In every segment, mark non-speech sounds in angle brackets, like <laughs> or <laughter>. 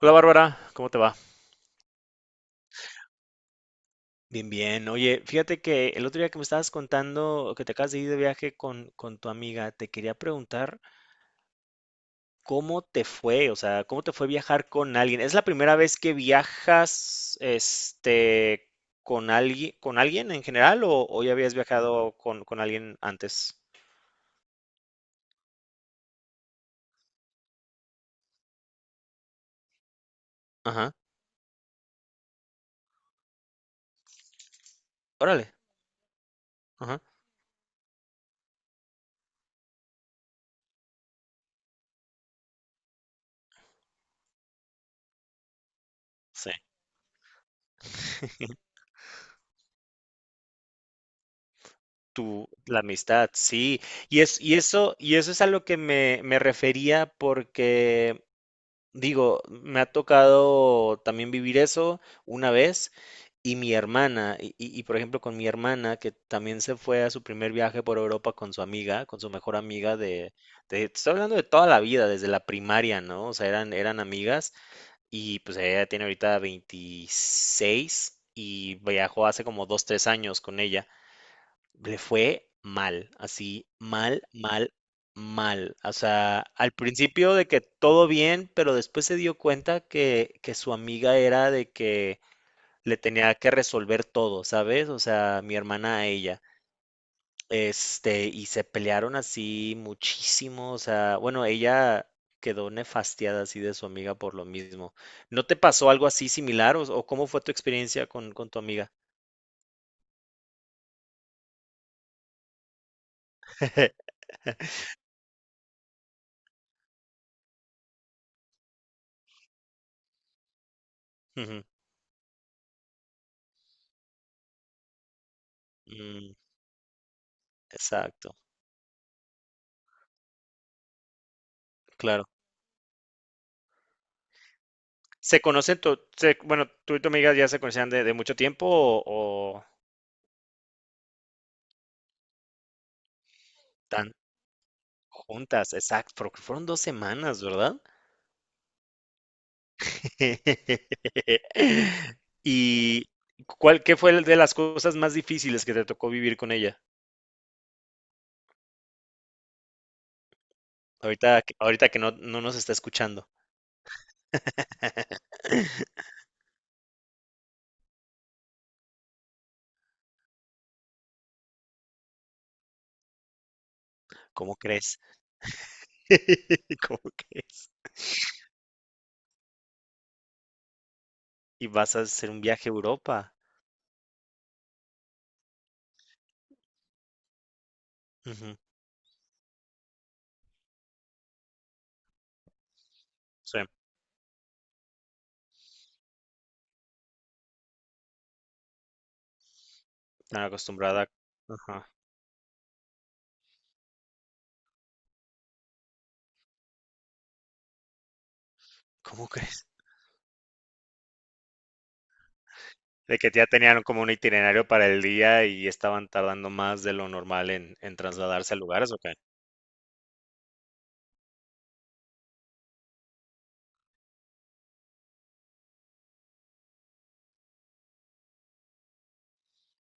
Hola Bárbara, ¿cómo te va? Bien, bien. Oye, fíjate que el otro día que me estabas contando que te acabas de ir de viaje con tu amiga, te quería preguntar cómo te fue, o sea, cómo te fue viajar con alguien. ¿Es la primera vez que viajas, con alguien en general o ya habías viajado con alguien antes? Ajá. Órale. Ajá. Sí. La amistad, sí. Y eso es a lo que me refería porque digo, me ha tocado también vivir eso una vez y mi hermana, y, por ejemplo con mi hermana que también se fue a su primer viaje por Europa con su amiga, con su mejor amiga te estoy hablando de toda la vida, desde la primaria, ¿no? O sea, eran amigas y pues ella tiene ahorita 26 y viajó hace como 2 3 años con ella le fue mal, así, mal, mal, mal. O sea, al principio de que todo bien, pero después se dio cuenta que su amiga era de que le tenía que resolver todo, ¿sabes? O sea, mi hermana a ella. Y se pelearon así muchísimo, o sea, bueno, ella quedó nefastiada así de su amiga por lo mismo. ¿No te pasó algo así similar o cómo fue tu experiencia con tu amiga? <laughs> Ujú, mm, exacto, claro. ¿Se conocen, tu, se- Bueno, tú y tu amiga ya se conocían de mucho tiempo o tan juntas? Exacto, porque fueron 2 semanas, ¿verdad? <laughs> ¿Y qué fue de las cosas más difíciles que te tocó vivir con ella? Ahorita, ahorita que no nos está escuchando, ¿cómo crees? <laughs> ¿Cómo crees? Y vas a hacer un viaje a Europa. Ujú. Sí, tan acostumbrada. Ajá. ¿Cómo De que ya tenían como un itinerario para el día y estaban tardando más de lo normal en trasladarse a lugares, ¿o qué?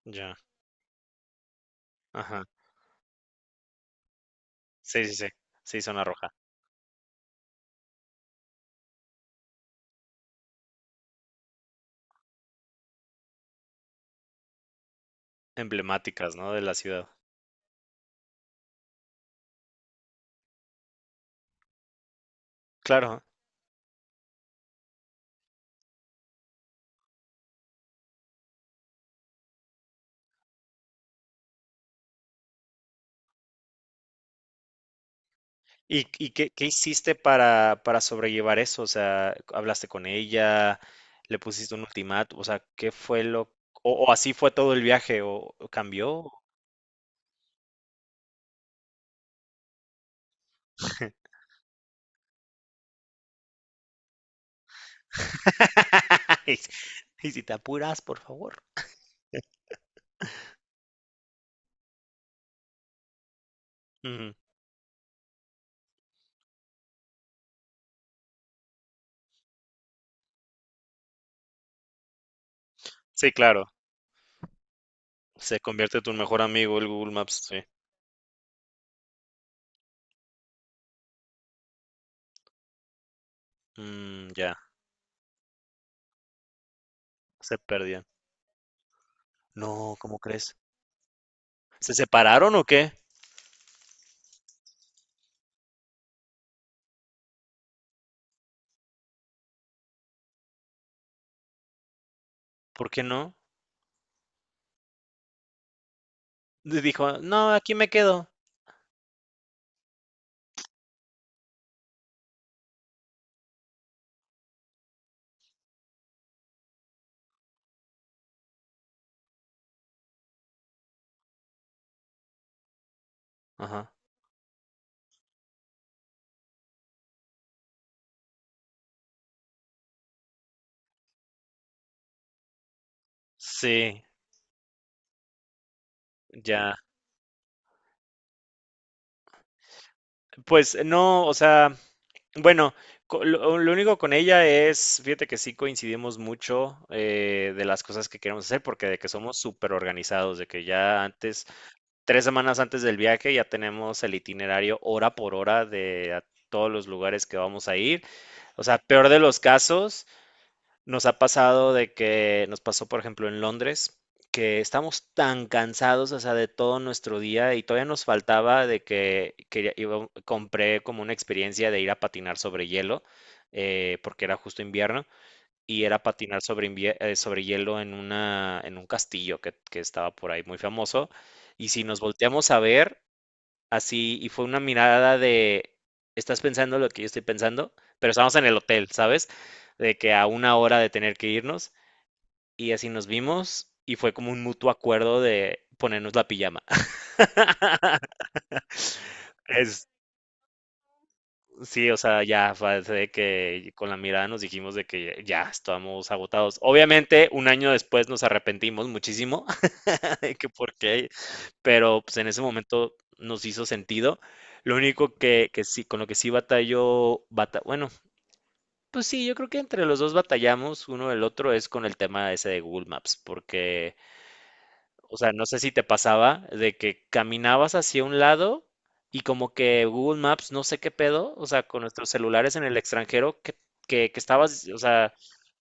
Ya, ajá. Sí, sí, sí. Sí, zona roja. Emblemáticas, ¿no? De la ciudad. Claro. ¿Y qué hiciste para sobrellevar eso? O sea, ¿hablaste con ella? ¿Le pusiste un ultimátum? O sea, ¿qué fue lo... O así fue todo el viaje? ¿O cambió? <laughs> Y si te apuras, por favor. Ujú. Sí, claro. Se convierte en tu mejor amigo el Google Maps. Sí. Mm, ya, se perdió. No, ¿cómo crees? ¿Se separaron o qué? ¿Por qué no? Y dijo, no, aquí me quedo. Ajá. Sí, ya. Pues no, o sea, bueno, lo único con ella es, fíjate que sí coincidimos mucho de las cosas que queremos hacer, porque de que somos súper organizados, de que ya antes, 3 semanas antes del viaje, ya tenemos el itinerario hora por hora de a todos los lugares que vamos a ir. O sea, peor de los casos, nos ha pasado de que nos pasó, por ejemplo, en Londres, que estamos tan cansados, o sea, de todo nuestro día y todavía nos faltaba de que compré como una experiencia de ir a patinar sobre hielo, porque era justo invierno, y era patinar sobre hielo en en un castillo que estaba por ahí muy famoso. Y si nos volteamos a ver, así y fue una mirada de, estás pensando lo que yo estoy pensando, pero estábamos en el hotel, ¿sabes? De que a una hora de tener que irnos y así nos vimos y fue como un mutuo acuerdo de ponernos la pijama. <laughs> Es, sí, o sea, ya fue de que con la mirada nos dijimos de que ya estábamos agotados. Obviamente, un año después nos arrepentimos muchísimo <laughs> de que por qué, pero pues en ese momento nos hizo sentido. Lo único que sí, con lo que sí batalló, bueno, pues sí, yo creo que entre los dos batallamos uno el otro es con el tema ese de Google Maps, porque, o sea, no sé si te pasaba de que caminabas hacia un lado y como que Google Maps, no sé qué pedo, o sea, con nuestros celulares en el extranjero, que estabas, o sea,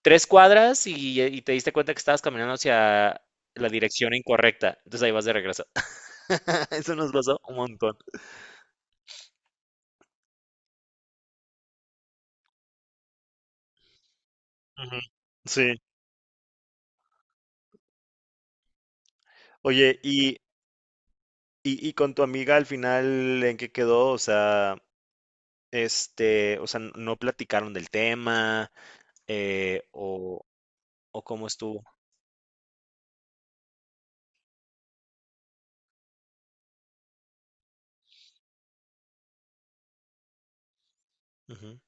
tres cuadras y te diste cuenta que estabas caminando hacia la dirección incorrecta, entonces ahí vas de regreso. <laughs> Eso nos pasó un montón. Ujú. Sí, oye, y con tu amiga al final, ¿en qué quedó? O sea, o sea, no platicaron del tema, eh, o, o cómo estuvo. Ujú,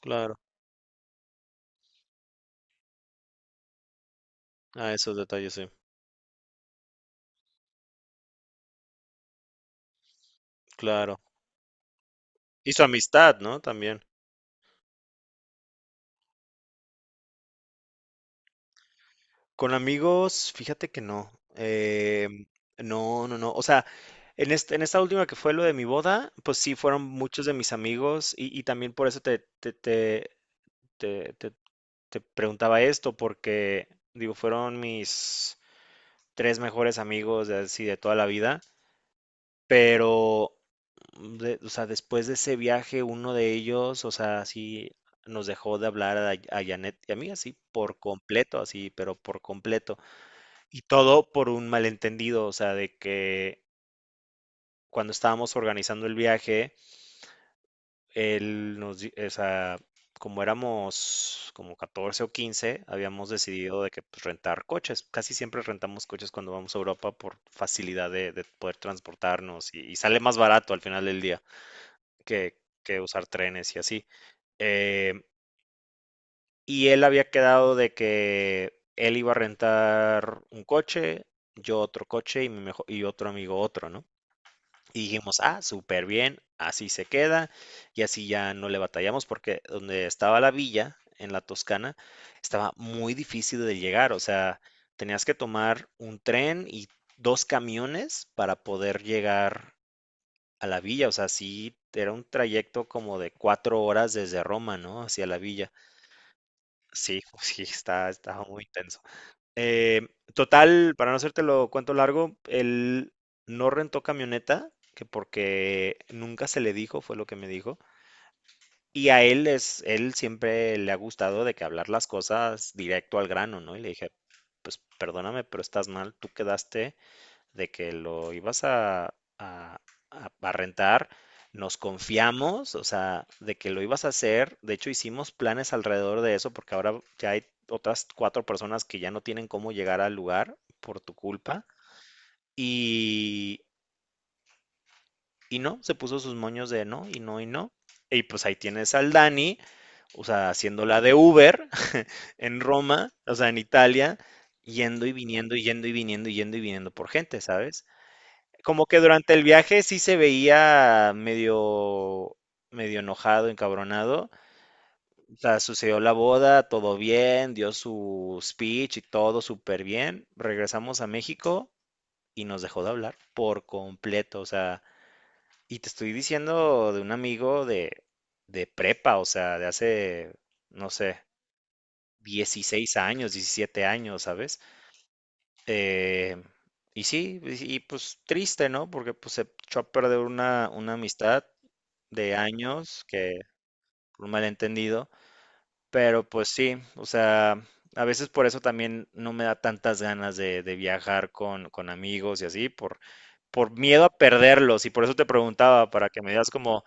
claro. Ah, esos detalles, sí. Claro. Y su amistad, ¿no? También. Con amigos, fíjate que no. Eh, no, no, no. O sea, en esta última que fue lo de mi boda, pues sí fueron muchos de mis amigos y también por eso te, te- te preguntaba esto, porque digo, fueron mis tres mejores amigos de, así, de toda la vida. Pero, de o sea, después de ese viaje, uno de ellos, o sea, sí nos dejó de hablar a Janet y a mí, así por completo, así, pero por completo. Y todo por un malentendido, o sea, de que cuando estábamos organizando el viaje, él nos di o sea, como éramos como 14 o 15 habíamos decidido de que, pues, rentar coches. Casi siempre rentamos coches cuando vamos a Europa por facilidad de poder transportarnos y sale más barato al final del día que, que usar trenes y así. Eh, y él había quedado de que él iba a rentar un coche, yo otro coche y, y otro amigo otro, ¿no? Y dijimos, ah, súper bien, así se queda y así ya no le batallamos porque donde estaba la villa, en la Toscana, estaba muy difícil de llegar, o sea, tenías que tomar un tren y dos camiones para poder llegar a la villa, o sea, sí, era un trayecto como de 4 horas desde Roma, ¿no? Hacia la villa. Sí, <laughs> sí, estaba muy intenso. Eh, total, para no hacértelo lo cuento largo, él no rentó camioneta, que porque nunca se le dijo, fue lo que me dijo. Él siempre le ha gustado de que hablar las cosas directo al grano, ¿no? Y le dije, pues perdóname, pero estás mal, tú quedaste de que lo ibas a- a rentar, nos confiamos, o sea, de que lo ibas a hacer. De hecho, hicimos planes alrededor de eso porque ahora ya hay otras cuatro personas que ya no tienen cómo llegar al lugar por tu culpa. Y, y no, se puso sus moños de no, y no, y no. Y pues ahí tienes al Dani, o sea, haciendo la de Uber <laughs> en Roma, o sea, en Italia, yendo y viniendo, y yendo y viniendo, y yendo y viniendo por gente, ¿sabes? Como que durante el viaje sí se veía medio, medio enojado, encabronado. O sea, sucedió la boda, todo bien, dio su speech y todo súper bien. Regresamos a México y nos dejó de hablar por completo. O sea, y te estoy diciendo de un amigo de prepa, o sea, de hace, no sé, 16 años, 17 años, ¿sabes? Eh, y sí, pues triste, ¿no? Porque pues se echó a perder una amistad de años, que por un malentendido, pero pues sí, o sea, a veces por eso también no me da tantas ganas de viajar con amigos y así, por miedo a perderlos, y por eso te preguntaba, para que me digas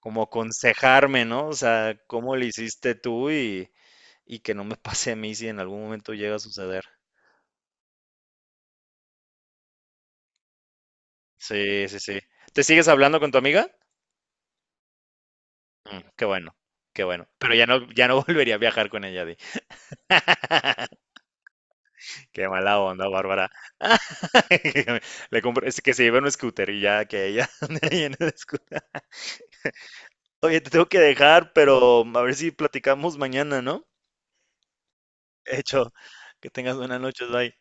como aconsejarme, ¿no? O sea, cómo le hiciste tú y que no me <laughs> pase a mí si en algún momento llega a suceder. Sí, sí, sí. ¿Te sigues hablando con tu amiga? Mm, qué bueno, qué bueno. Pero ya no, ya no <laughs> volvería a viajar con ella, di. Qué mala onda, Bárbara. <laughs> Es que se lleve un scooter y ya que ella <laughs> ande ahí en el scooter. Oye, te tengo que dejar, pero a ver si platicamos mañana, ¿no? Hecho, que tengas buenas noches, bye.